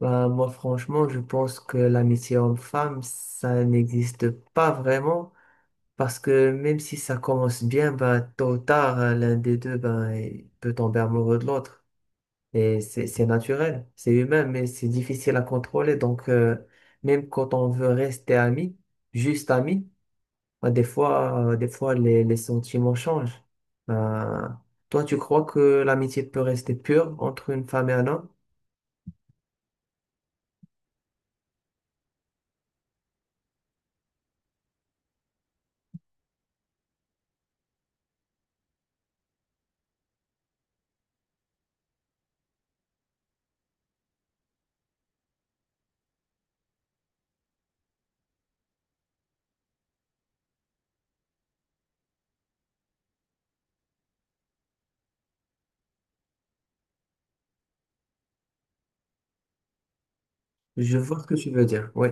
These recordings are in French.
Bah, moi, franchement, je pense que l'amitié homme-femme, ça n'existe pas vraiment. Parce que même si ça commence bien, bah, tôt ou tard, l'un des deux, ben, il peut tomber amoureux de l'autre. Et c'est naturel, c'est humain, mais c'est difficile à contrôler. Donc, même quand on veut rester ami, juste ami, bah, des fois les sentiments changent. Bah, toi, tu crois que l'amitié peut rester pure entre une femme et un homme? Je vois ce que tu veux dire, oui.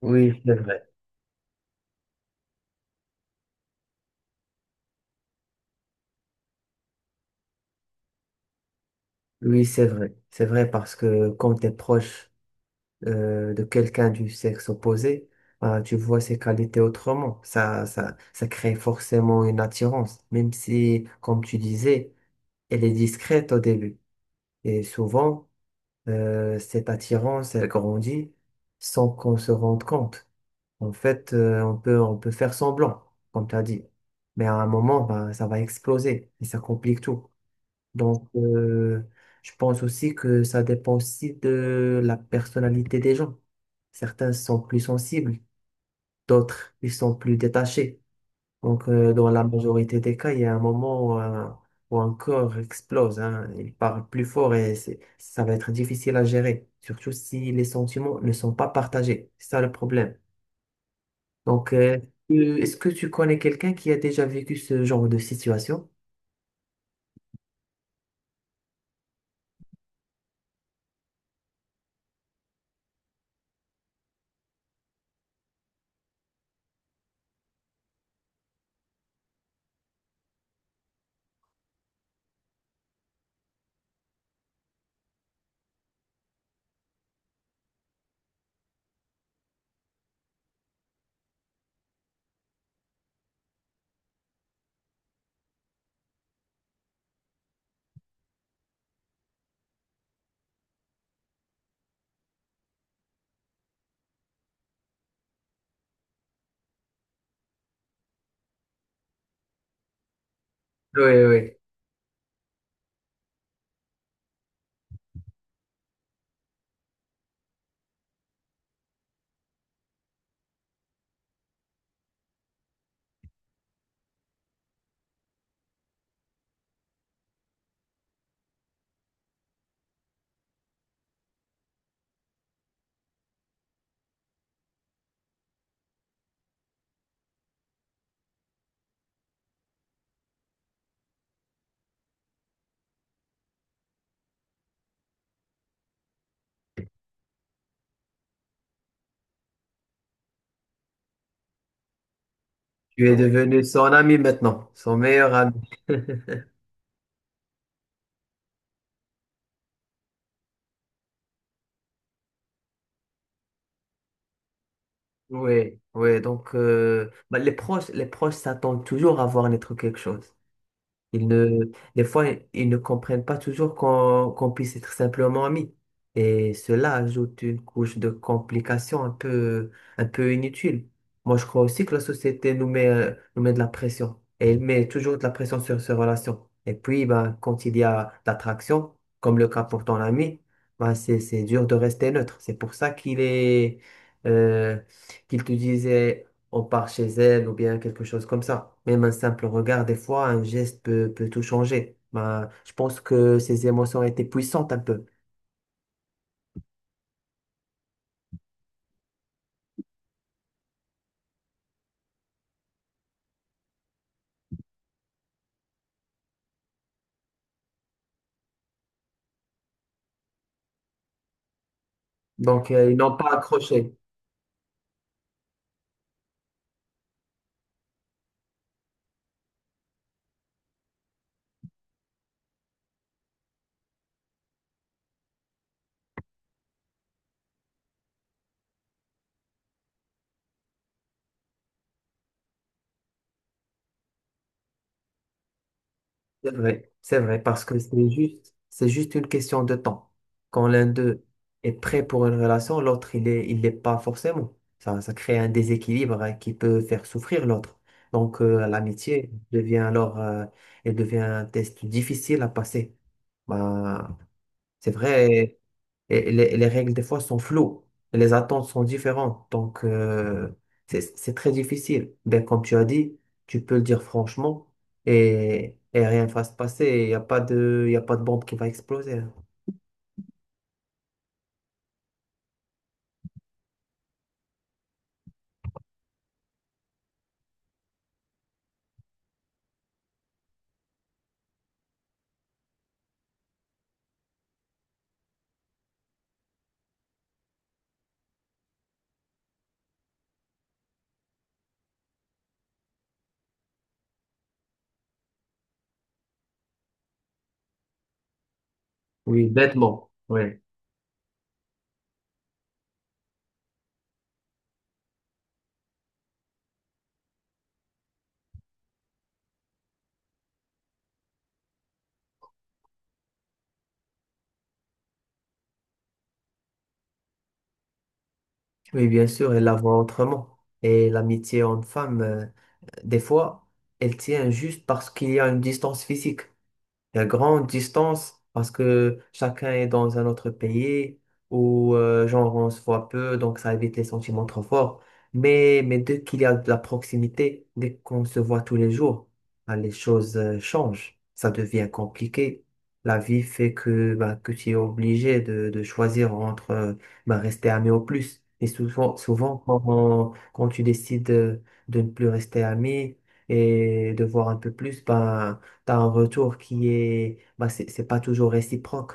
Oui, c'est vrai. Oui, c'est vrai. C'est vrai parce que quand tu es proche de quelqu'un du sexe opposé, tu vois ses qualités autrement. Ça crée forcément une attirance, même si, comme tu disais, elle est discrète au début. Et souvent, cette attirance, elle grandit sans qu'on se rende compte. En fait, on peut faire semblant, comme tu as dit. Mais à un moment, ben, ça va exploser et ça complique tout. Donc, je pense aussi que ça dépend aussi de la personnalité des gens. Certains sont plus sensibles, d'autres, ils sont plus détachés. Donc, dans la majorité des cas, il y a un moment où un corps explose, hein. Il parle plus fort et ça va être difficile à gérer, surtout si les sentiments ne sont pas partagés. C'est ça le problème. Donc, est-ce que tu connais quelqu'un qui a déjà vécu ce genre de situation? Oui, oui. Tu es devenu son ami maintenant, son meilleur ami. Oui, oui. Donc, bah, les proches s'attendent toujours à voir naître quelque chose. Ils ne, des fois, ils ne comprennent pas toujours qu'on puisse être simplement amis. Et cela ajoute une couche de complications un peu inutile. Moi, je crois aussi que la société nous met de la pression. Et elle met toujours de la pression sur ces relations. Et puis, ben, quand il y a l'attraction, comme le cas pour ton ami, ben, c'est dur de rester neutre. C'est pour ça euh, qu'il te disait on part chez elle ou bien quelque chose comme ça. Même un simple regard, des fois, un geste peut tout changer. Ben, je pense que ces émotions étaient puissantes un peu. Donc, ils n'ont pas accroché. C'est vrai, parce que c'est juste une question de temps. Quand l'un d'eux est prêt pour une relation, l'autre, il l'est pas forcément. Ça crée un déséquilibre, hein, qui peut faire souffrir l'autre. Donc, l'amitié devient alors, elle devient un test difficile à passer. Ben, c'est vrai. Et les règles, des fois, sont floues. Les attentes sont différentes. Donc, c'est très difficile. Ben, comme tu as dit, tu peux le dire franchement et rien ne va se passer. Il y a pas de bombe qui va exploser. Oui, bêtement. Oui. Oui, bien sûr, elle la voit autrement. Et l'amitié homme-femme, des fois, elle tient juste parce qu'il y a une distance physique. Il y a grande distance parce que chacun est dans un autre pays où, genre, on se voit peu, donc ça évite les sentiments trop forts. Mais dès qu'il y a de la proximité, dès qu'on se voit tous les jours, ben, les choses changent. Ça devient compliqué. La vie fait que, ben, que tu es obligé de choisir entre ben, rester ami au plus. Et souvent, quand tu décides de ne plus rester ami et de voir un peu plus, ben, tu as un retour qui est, bah, c'est pas toujours réciproque.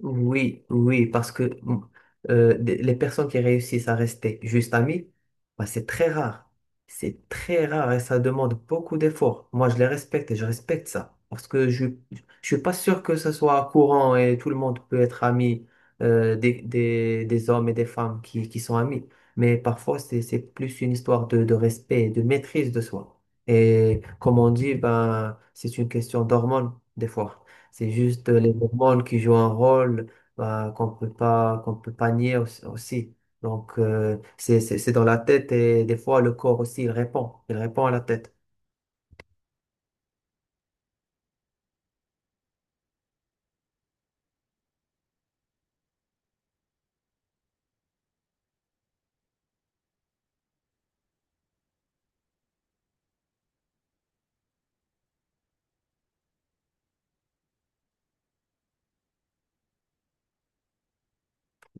Oui, oui, parce que les personnes qui réussissent à rester juste amies, bah, c'est très rare. C'est très rare et ça demande beaucoup d'efforts. Moi, je les respecte et je respecte ça. Parce que je ne suis pas sûr que ce soit courant et tout le monde peut être ami des hommes et des femmes qui sont amis. Mais parfois, c'est plus une histoire de respect et de maîtrise de soi. Et comme on dit, ben, c'est une question d'hormones, des fois. C'est juste les hormones qui jouent un rôle bah, qu'on peut pas nier aussi. Aussi. Donc, c'est dans la tête et des fois le corps aussi, il répond. Il répond à la tête.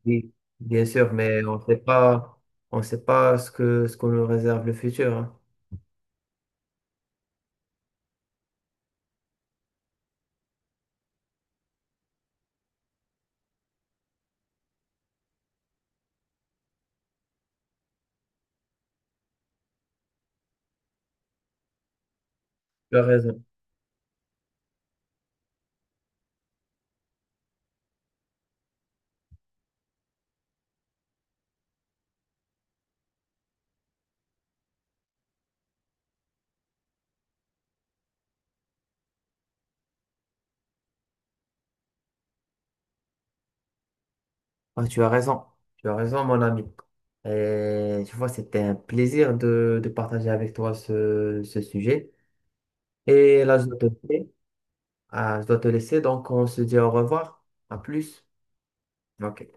Oui, bien sûr, mais on sait pas ce que, ce qu'on nous réserve le futur. Hein. Tu as raison. Ah, tu as raison. Tu as raison, mon ami. Et tu vois, c'était un plaisir de partager avec toi ce, ce sujet. Et là, je dois te laisser. Ah, je dois te laisser, donc on se dit au revoir. À plus. Ok.